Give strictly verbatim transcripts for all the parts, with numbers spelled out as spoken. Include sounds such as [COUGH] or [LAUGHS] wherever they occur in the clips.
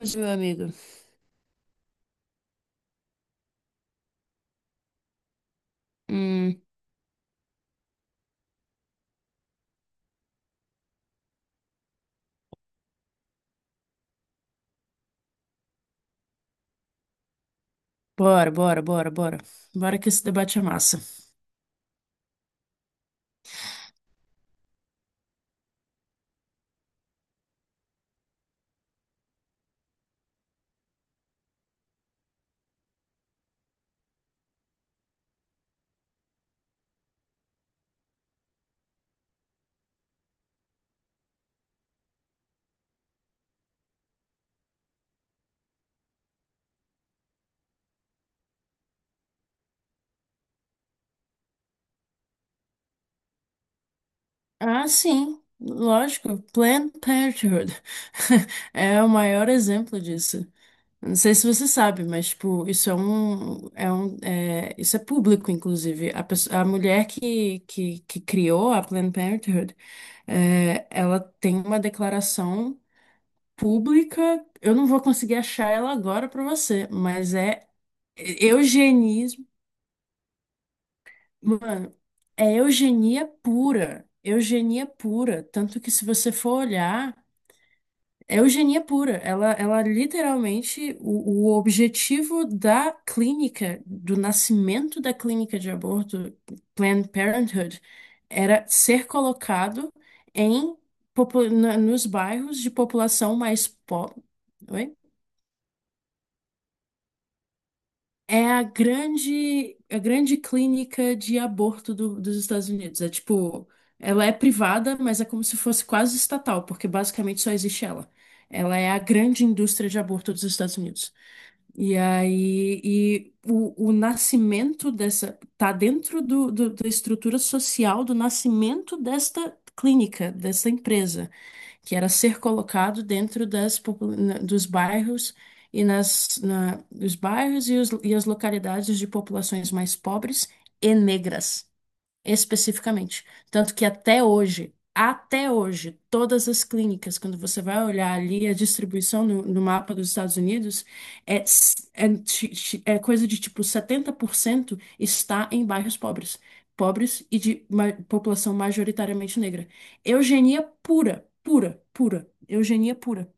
Mas, meu amigo, hum, bora, bora, bora, bora. Bora que esse debate é massa. Ah, sim, lógico, Planned Parenthood [LAUGHS] é o maior exemplo disso. Não sei se você sabe, mas, tipo, isso é um, é um, é, isso é público, inclusive. A pesso- a mulher que, que, que criou a Planned Parenthood, é, ela tem uma declaração pública. Eu não vou conseguir achar ela agora para você, mas é eugenismo. Mano, é eugenia pura. Eugenia pura. Tanto que se você for olhar, é eugenia pura. Ela, ela literalmente, o, o objetivo da clínica, do nascimento da clínica de aborto, Planned Parenthood, era ser colocado em, popu- na- nos bairros de população mais pobre. É a grande, a grande clínica de aborto do- dos Estados Unidos. É tipo, ela é privada, mas é como se fosse quase estatal, porque basicamente só existe ela. Ela é a grande indústria de aborto dos Estados Unidos. E aí, e o, o nascimento dessa, tá dentro do, do- da estrutura social do nascimento desta clínica, dessa empresa que era ser colocado dentro das, popu- na- dos bairros e nas, na, os bairros e, os, e as localidades de populações mais pobres e negras especificamente. Tanto que até hoje, até hoje, todas as clínicas, quando você vai olhar ali a distribuição no, no mapa dos Estados Unidos, é, s- é, ti- ti- é coisa de tipo setenta por cento está em bairros pobres. Pobres e de ma- população majoritariamente negra. Eugenia pura, pura, pura. Eugenia pura.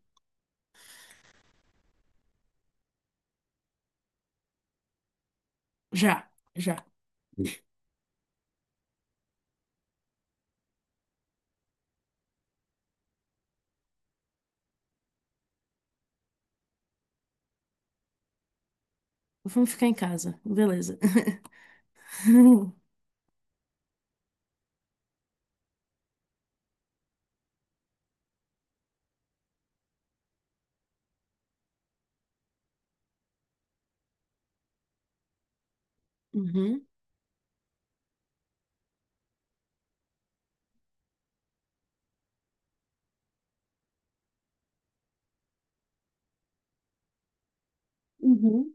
Já, já. Vamos ficar em casa, beleza. [LAUGHS] Uhum, uhum,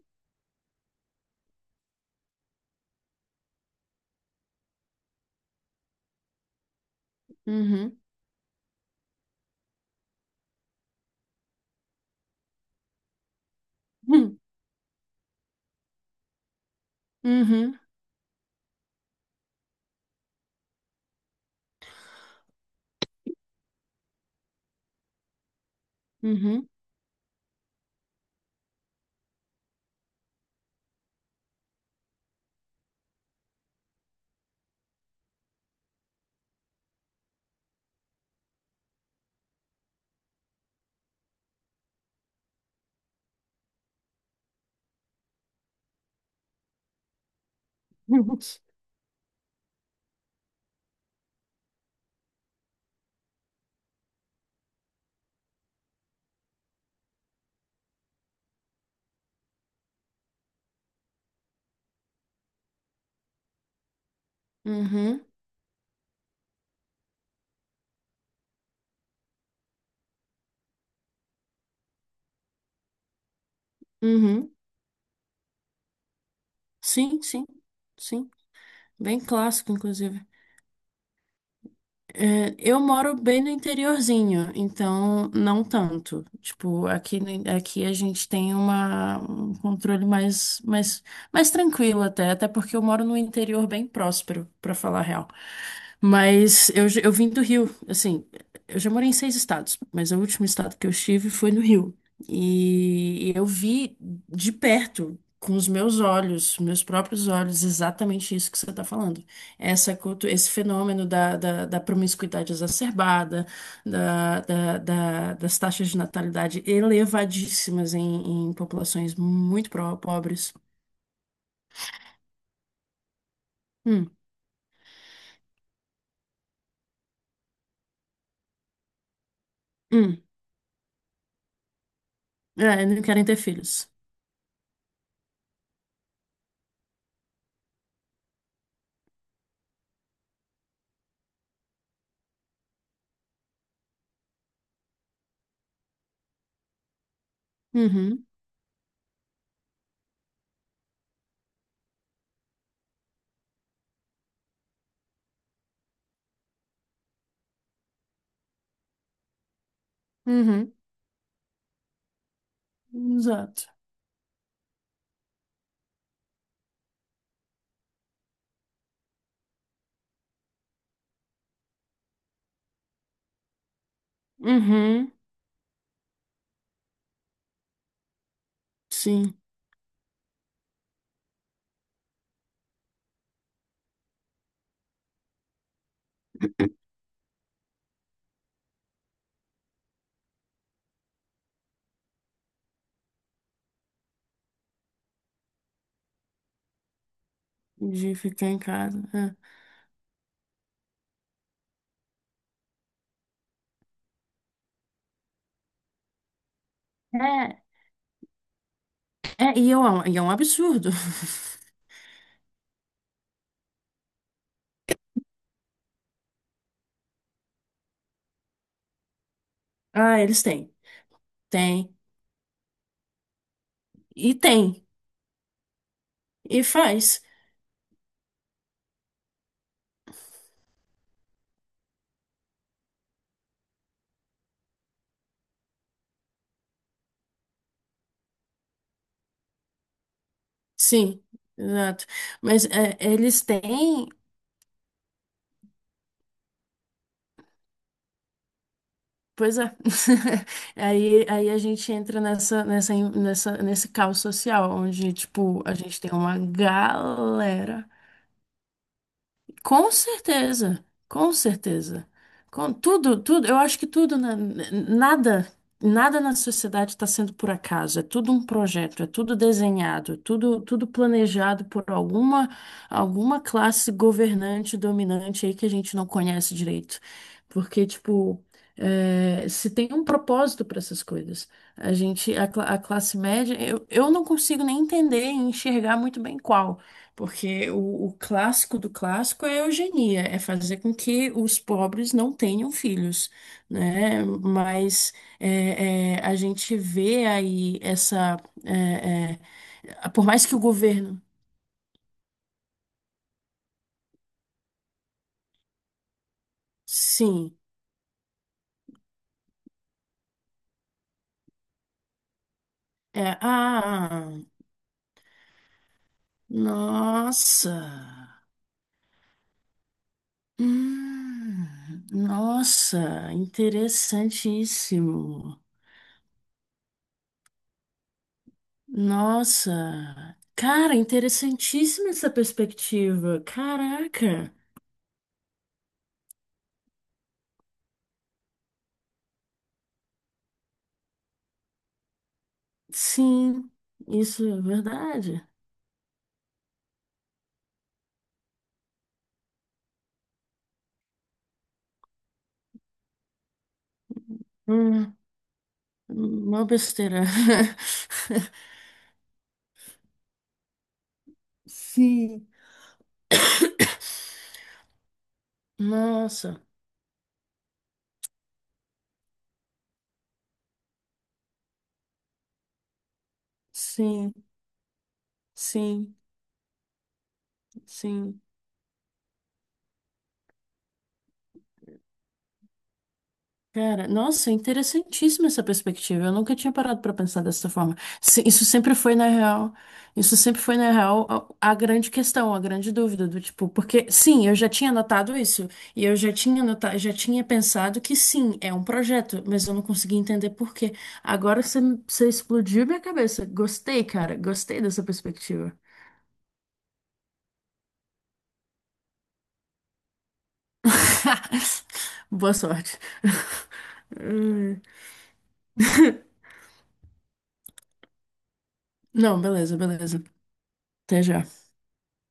uhum, uhum, uhum, uhum. [LAUGHS] Uhum, uhum. Sim, sim, sim. Bem clássico, inclusive. É, eu moro bem no interiorzinho, então não tanto. Tipo, aqui, no- aqui a gente tem uma, um controle mais, mais, mais tranquilo até, até porque eu moro num interior bem próspero, pra falar a real. Mas eu, j- eu vim do Rio, assim, eu já morei em seis estados, mas o último estado que eu estive foi no Rio. E eu vi de perto, com os meus olhos, meus próprios olhos, exatamente isso que você está falando. Essa, cultu- esse fenômeno da, da, da promiscuidade exacerbada, da, da, da- das taxas de natalidade elevadíssimas em, em populações muito pro- pobres. Hum, hum. É, não querem ter filhos. Uhum, uhum. Exato. Uhum, sim. De ficar em casa. É, é, é, e é um, e é um absurdo. [LAUGHS] Ah, eles têm. Tem. E tem. E faz. Sim, exato. Mas é, eles têm, pois é. [LAUGHS] Aí, aí a gente entra nessa, nessa, nessa, nesse caos social, onde, tipo, a gente tem uma galera. Com certeza, com certeza. Com tudo, tudo, eu acho que tudo, na- nada, nada na sociedade está sendo por acaso, é tudo um projeto, é tudo desenhado, é tudo, tudo planejado por alguma, alguma classe governante, dominante aí que a gente não conhece direito. Porque, tipo, é, se tem um propósito para essas coisas. A gente, a, cla- a classe média, eu, eu não consigo nem entender e enxergar muito bem qual. Porque o, o clássico do clássico é a eugenia, é fazer com que os pobres não tenham filhos, né? Mas é, é, a gente vê aí essa, é, é, por mais que o governo, sim, é, ah, nossa, hum, nossa, interessantíssimo, nossa, cara, interessantíssima essa perspectiva, caraca. Sim, isso é verdade. Hum, uma besteira. [LAUGHS] Sim. [COUGHS] Nossa, sim, sim, sim. Cara, nossa, interessantíssima essa perspectiva. Eu nunca tinha parado pra pensar dessa forma. Se- Isso sempre foi, na real, isso sempre foi, na real, a, a grande questão, a grande dúvida do tipo, porque sim, eu já tinha notado isso, e eu já tinha notado, já tinha pensado que sim, é um projeto, mas eu não conseguia entender por quê. Agora você, você explodiu minha cabeça. Gostei, cara, gostei dessa perspectiva. [LAUGHS] Boa sorte. [LAUGHS] Não, beleza, beleza. Até já.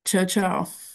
Tchau, tchau.